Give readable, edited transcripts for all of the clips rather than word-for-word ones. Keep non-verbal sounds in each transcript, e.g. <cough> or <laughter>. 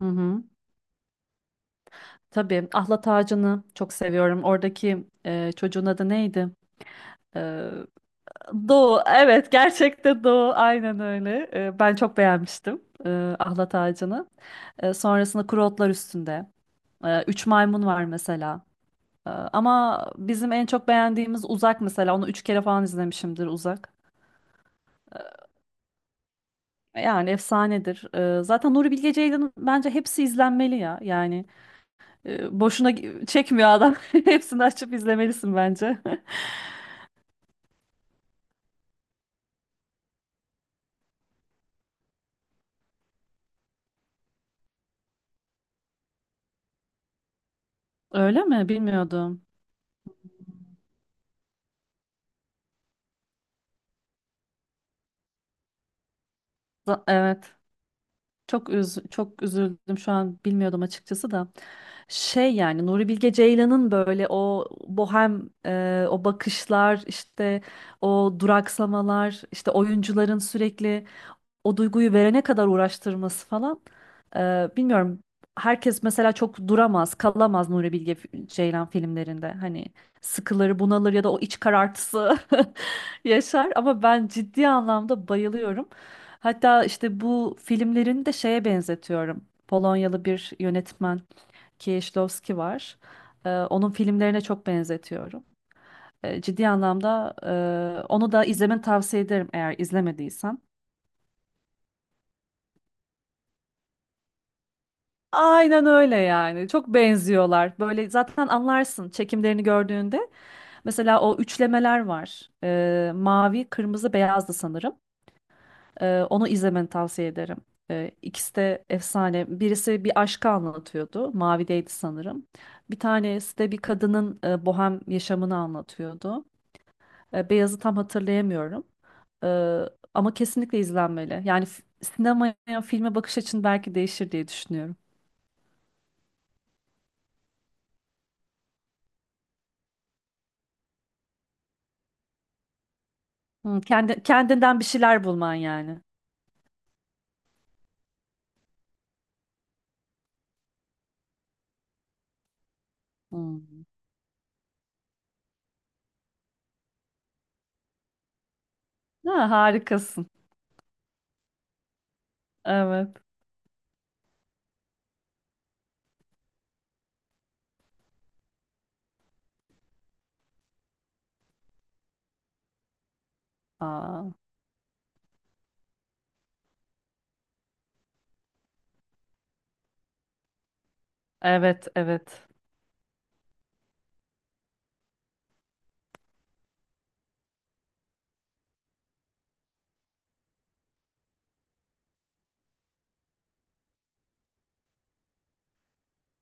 Hı hı. Tabii Ahlat Ağacı'nı çok seviyorum. Oradaki çocuğun adı neydi? E, Doğu, evet gerçekten Doğu aynen öyle. Ben çok beğenmiştim ahlat ağacını. Sonrasında kuru otlar üstünde. Üç maymun var mesela. Ama bizim en çok beğendiğimiz Uzak mesela. Onu üç kere falan izlemişimdir Uzak. Yani efsanedir. Zaten Nuri Bilge Ceylan'ın bence hepsi izlenmeli ya. Yani çekmiyor adam. <laughs> Hepsini açıp izlemelisin bence. <laughs> Öyle mi? Bilmiyordum. Evet. Çok üzüldüm şu an, bilmiyordum açıkçası da. Şey yani Nuri Bilge Ceylan'ın böyle o bohem, o bakışlar, işte o duraksamalar, işte oyuncuların sürekli o duyguyu verene kadar uğraştırması falan. Bilmiyorum. Herkes mesela çok duramaz, kalamaz Nuri Ceylan filmlerinde. Hani sıkılır, bunalır ya da o iç karartısı <laughs> yaşar. Ama ben ciddi anlamda bayılıyorum. Hatta işte bu filmlerini de şeye benzetiyorum. Polonyalı bir yönetmen Kieślowski var. Onun filmlerine çok benzetiyorum. Ciddi anlamda onu da izlemeni tavsiye ederim eğer izlemediysen. Aynen öyle yani. Çok benziyorlar. Böyle zaten anlarsın çekimlerini gördüğünde. Mesela o üçlemeler var. Mavi, kırmızı, beyazdı sanırım. Onu izlemeni tavsiye ederim. İkisi de efsane. Birisi bir aşkı anlatıyordu. Mavideydi sanırım. Bir tanesi de bir kadının bohem yaşamını anlatıyordu. Beyazı tam hatırlayamıyorum. Ee, Ama kesinlikle izlenmeli. Yani sinemaya, filme bakış açın belki değişir diye düşünüyorum. Hı, kendinden bir şeyler bulman yani. Hı. Ha, harikasın. Evet. Aa, evet, evet.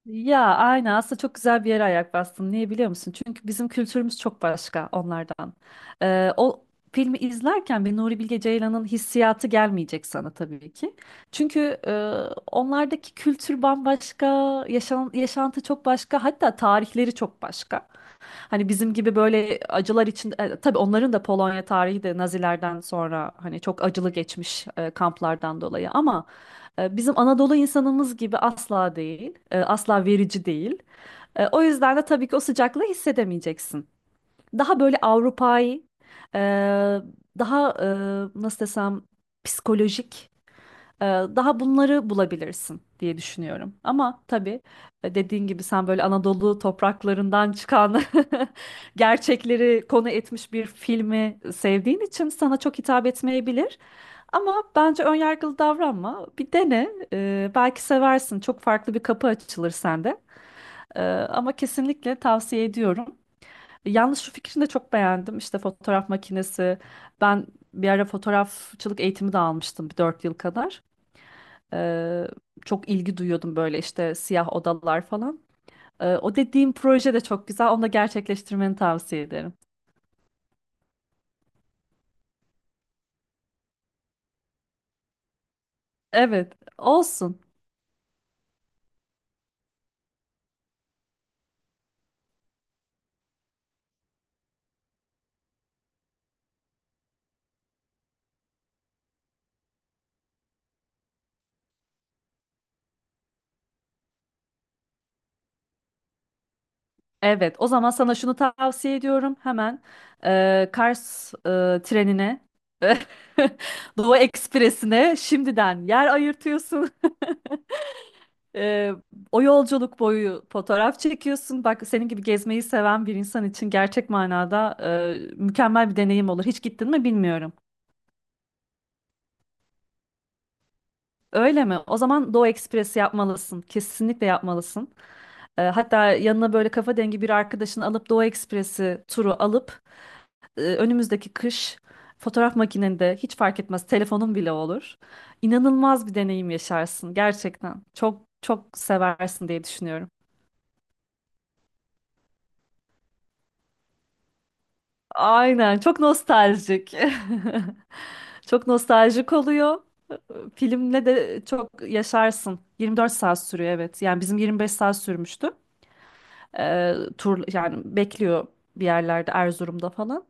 Ya aynen, aslında çok güzel bir yere ayak bastın. Niye biliyor musun? Çünkü bizim kültürümüz çok başka onlardan. O filmi izlerken bir Nuri Bilge Ceylan'ın hissiyatı gelmeyecek sana tabii ki. Çünkü onlardaki kültür bambaşka, yaşantı çok başka, hatta tarihleri çok başka. Hani bizim gibi böyle acılar için, tabii onların da, Polonya tarihi de Nazilerden sonra hani çok acılı geçmiş kamplardan dolayı, ama bizim Anadolu insanımız gibi asla değil, asla verici değil. O yüzden de tabii ki o sıcaklığı hissedemeyeceksin. Daha böyle Avrupai, e, daha nasıl desem, psikolojik, daha bunları bulabilirsin diye düşünüyorum. Ama tabii, dediğin gibi, sen böyle Anadolu topraklarından çıkan <laughs> gerçekleri konu etmiş bir filmi sevdiğin için sana çok hitap etmeyebilir. Ama bence önyargılı davranma. Bir dene. Belki seversin. Çok farklı bir kapı açılır sende. Ama kesinlikle tavsiye ediyorum. Yalnız şu fikrini de çok beğendim. İşte fotoğraf makinesi. Ben bir ara fotoğrafçılık eğitimi de almıştım, bir 4 yıl kadar. Ee, Çok ilgi duyuyordum, böyle işte siyah odalar falan. O dediğim proje de çok güzel. Onu da gerçekleştirmeni tavsiye ederim. Evet, olsun. Evet, o zaman sana şunu tavsiye ediyorum. Hemen Kars trenine, <laughs> Doğu Ekspresi'ne şimdiden yer ayırtıyorsun. <laughs> E, O yolculuk boyu fotoğraf çekiyorsun. Bak, senin gibi gezmeyi seven bir insan için gerçek manada mükemmel bir deneyim olur. Hiç gittin mi bilmiyorum. Öyle mi? O zaman Doğu Ekspresi yapmalısın. Kesinlikle yapmalısın. Hatta yanına böyle kafa dengi bir arkadaşını alıp Doğu Ekspresi turu alıp, önümüzdeki kış, fotoğraf makinende, hiç fark etmez telefonun bile olur. İnanılmaz bir deneyim yaşarsın gerçekten. Çok çok seversin diye düşünüyorum. Aynen, çok nostaljik. <laughs> Çok nostaljik oluyor. Filmle de çok yaşarsın. 24 saat sürüyor evet. Yani bizim 25 saat sürmüştü. Tur yani bekliyor bir yerlerde, Erzurum'da falan.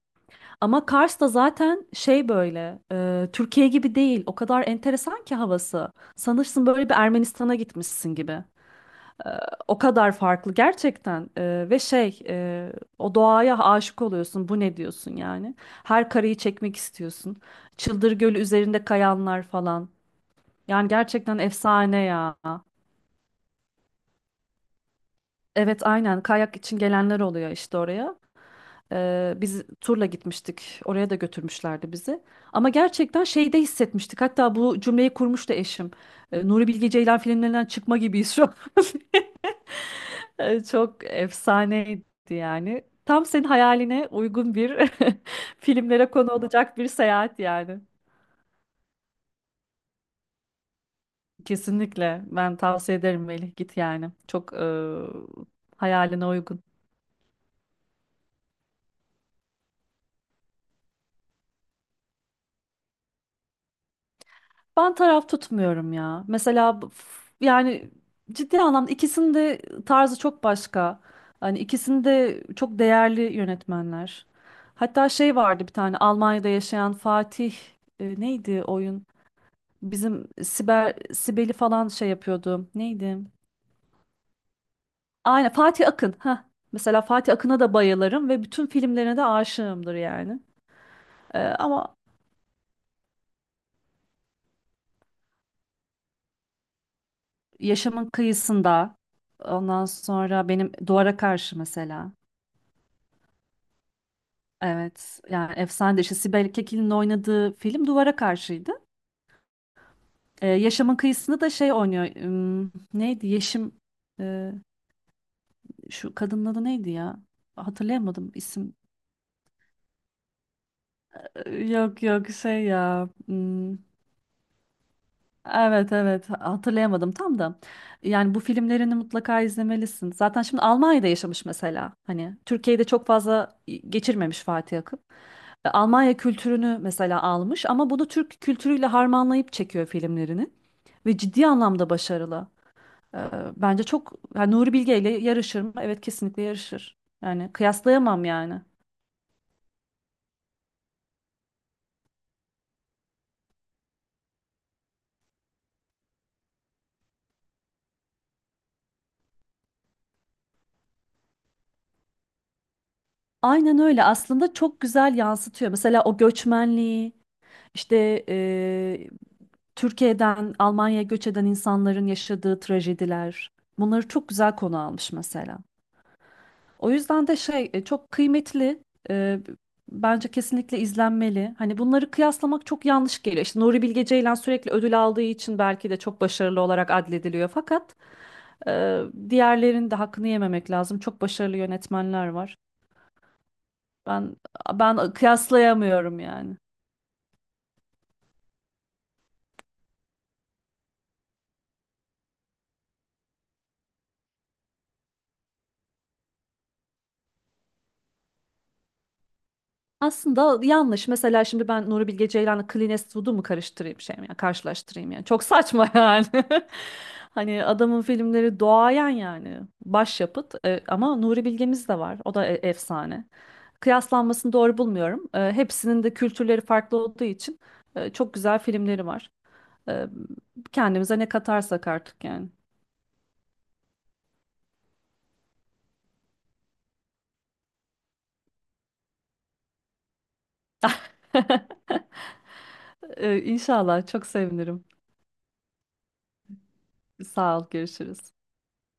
Ama Kars da zaten şey, böyle Türkiye gibi değil. O kadar enteresan ki havası. Sanırsın böyle bir Ermenistan'a gitmişsin gibi. O kadar farklı gerçekten. Ve şey, o doğaya aşık oluyorsun. Bu ne diyorsun yani? Her kareyi çekmek istiyorsun. Çıldır Gölü üzerinde kayanlar falan. Yani gerçekten efsane ya. Evet aynen, kayak için gelenler oluyor işte oraya. Biz turla gitmiştik. Oraya da götürmüşlerdi bizi. Ama gerçekten şeyde hissetmiştik. Hatta bu cümleyi kurmuştu eşim. Nuri Bilge Ceylan filmlerinden çıkma gibiyiz şu an. <laughs> Çok efsaneydi yani. Tam senin hayaline uygun bir <laughs> filmlere konu olacak bir seyahat yani. Kesinlikle. Ben tavsiye ederim Melih. Git yani. Çok hayaline uygun. Ben taraf tutmuyorum ya. Mesela yani ciddi anlamda ikisinin de tarzı çok başka. Hani ikisini de çok değerli yönetmenler. Hatta şey vardı, bir tane Almanya'da yaşayan Fatih, neydi oyun? Bizim Sibel'i falan şey yapıyordu. Neydi? Aynen, Fatih Akın. Heh. Mesela Fatih Akın'a da bayılırım ve bütün filmlerine de aşığımdır yani. Ama Yaşamın Kıyısında, ondan sonra benim Duvara Karşı mesela. Evet, yani efsane, de işte Sibel Kekil'in oynadığı film Duvara Karşı'ydı. Yaşamın Kıyısında da şey oynuyor. Neydi? Yeşim e, şu kadının adı neydi ya? Hatırlayamadım isim. Yok yok, şey ya. Evet evet, hatırlayamadım tam da. Yani bu filmlerini mutlaka izlemelisin. Zaten şimdi Almanya'da yaşamış mesela. Hani Türkiye'de çok fazla geçirmemiş Fatih Akın. Almanya kültürünü mesela almış ama bunu Türk kültürüyle harmanlayıp çekiyor filmlerini. Ve ciddi anlamda başarılı. Ee, Bence çok, yani Nuri Bilge ile yarışır mı? Evet, kesinlikle yarışır. Yani kıyaslayamam yani. Aynen öyle, aslında çok güzel yansıtıyor. Mesela o göçmenliği işte, Türkiye'den Almanya'ya göç eden insanların yaşadığı trajediler. Bunları çok güzel konu almış mesela. O yüzden de şey, çok kıymetli. e, Bence kesinlikle izlenmeli. Hani bunları kıyaslamak çok yanlış geliyor. İşte Nuri Bilge Ceylan sürekli ödül aldığı için belki de çok başarılı olarak adlediliyor. Fakat e, diğerlerinin de hakkını yememek lazım. Çok başarılı yönetmenler var. Ben ben kıyaslayamıyorum yani. Aslında yanlış. Mesela şimdi ben Nuri Bilge Ceylan'la Clint Eastwood'u mu karıştırayım şey mi? Ya, karşılaştırayım yani. Çok saçma <laughs> yani. Hani adamın filmleri doğayan yani. Başyapıt. Ama Nuri Bilge'miz de var. O da efsane. Kıyaslanmasını doğru bulmuyorum. Hepsinin de kültürleri farklı olduğu için çok güzel filmleri var. E, Kendimize ne katarsak artık yani. <laughs> İnşallah çok sevinirim. Sağ ol, görüşürüz.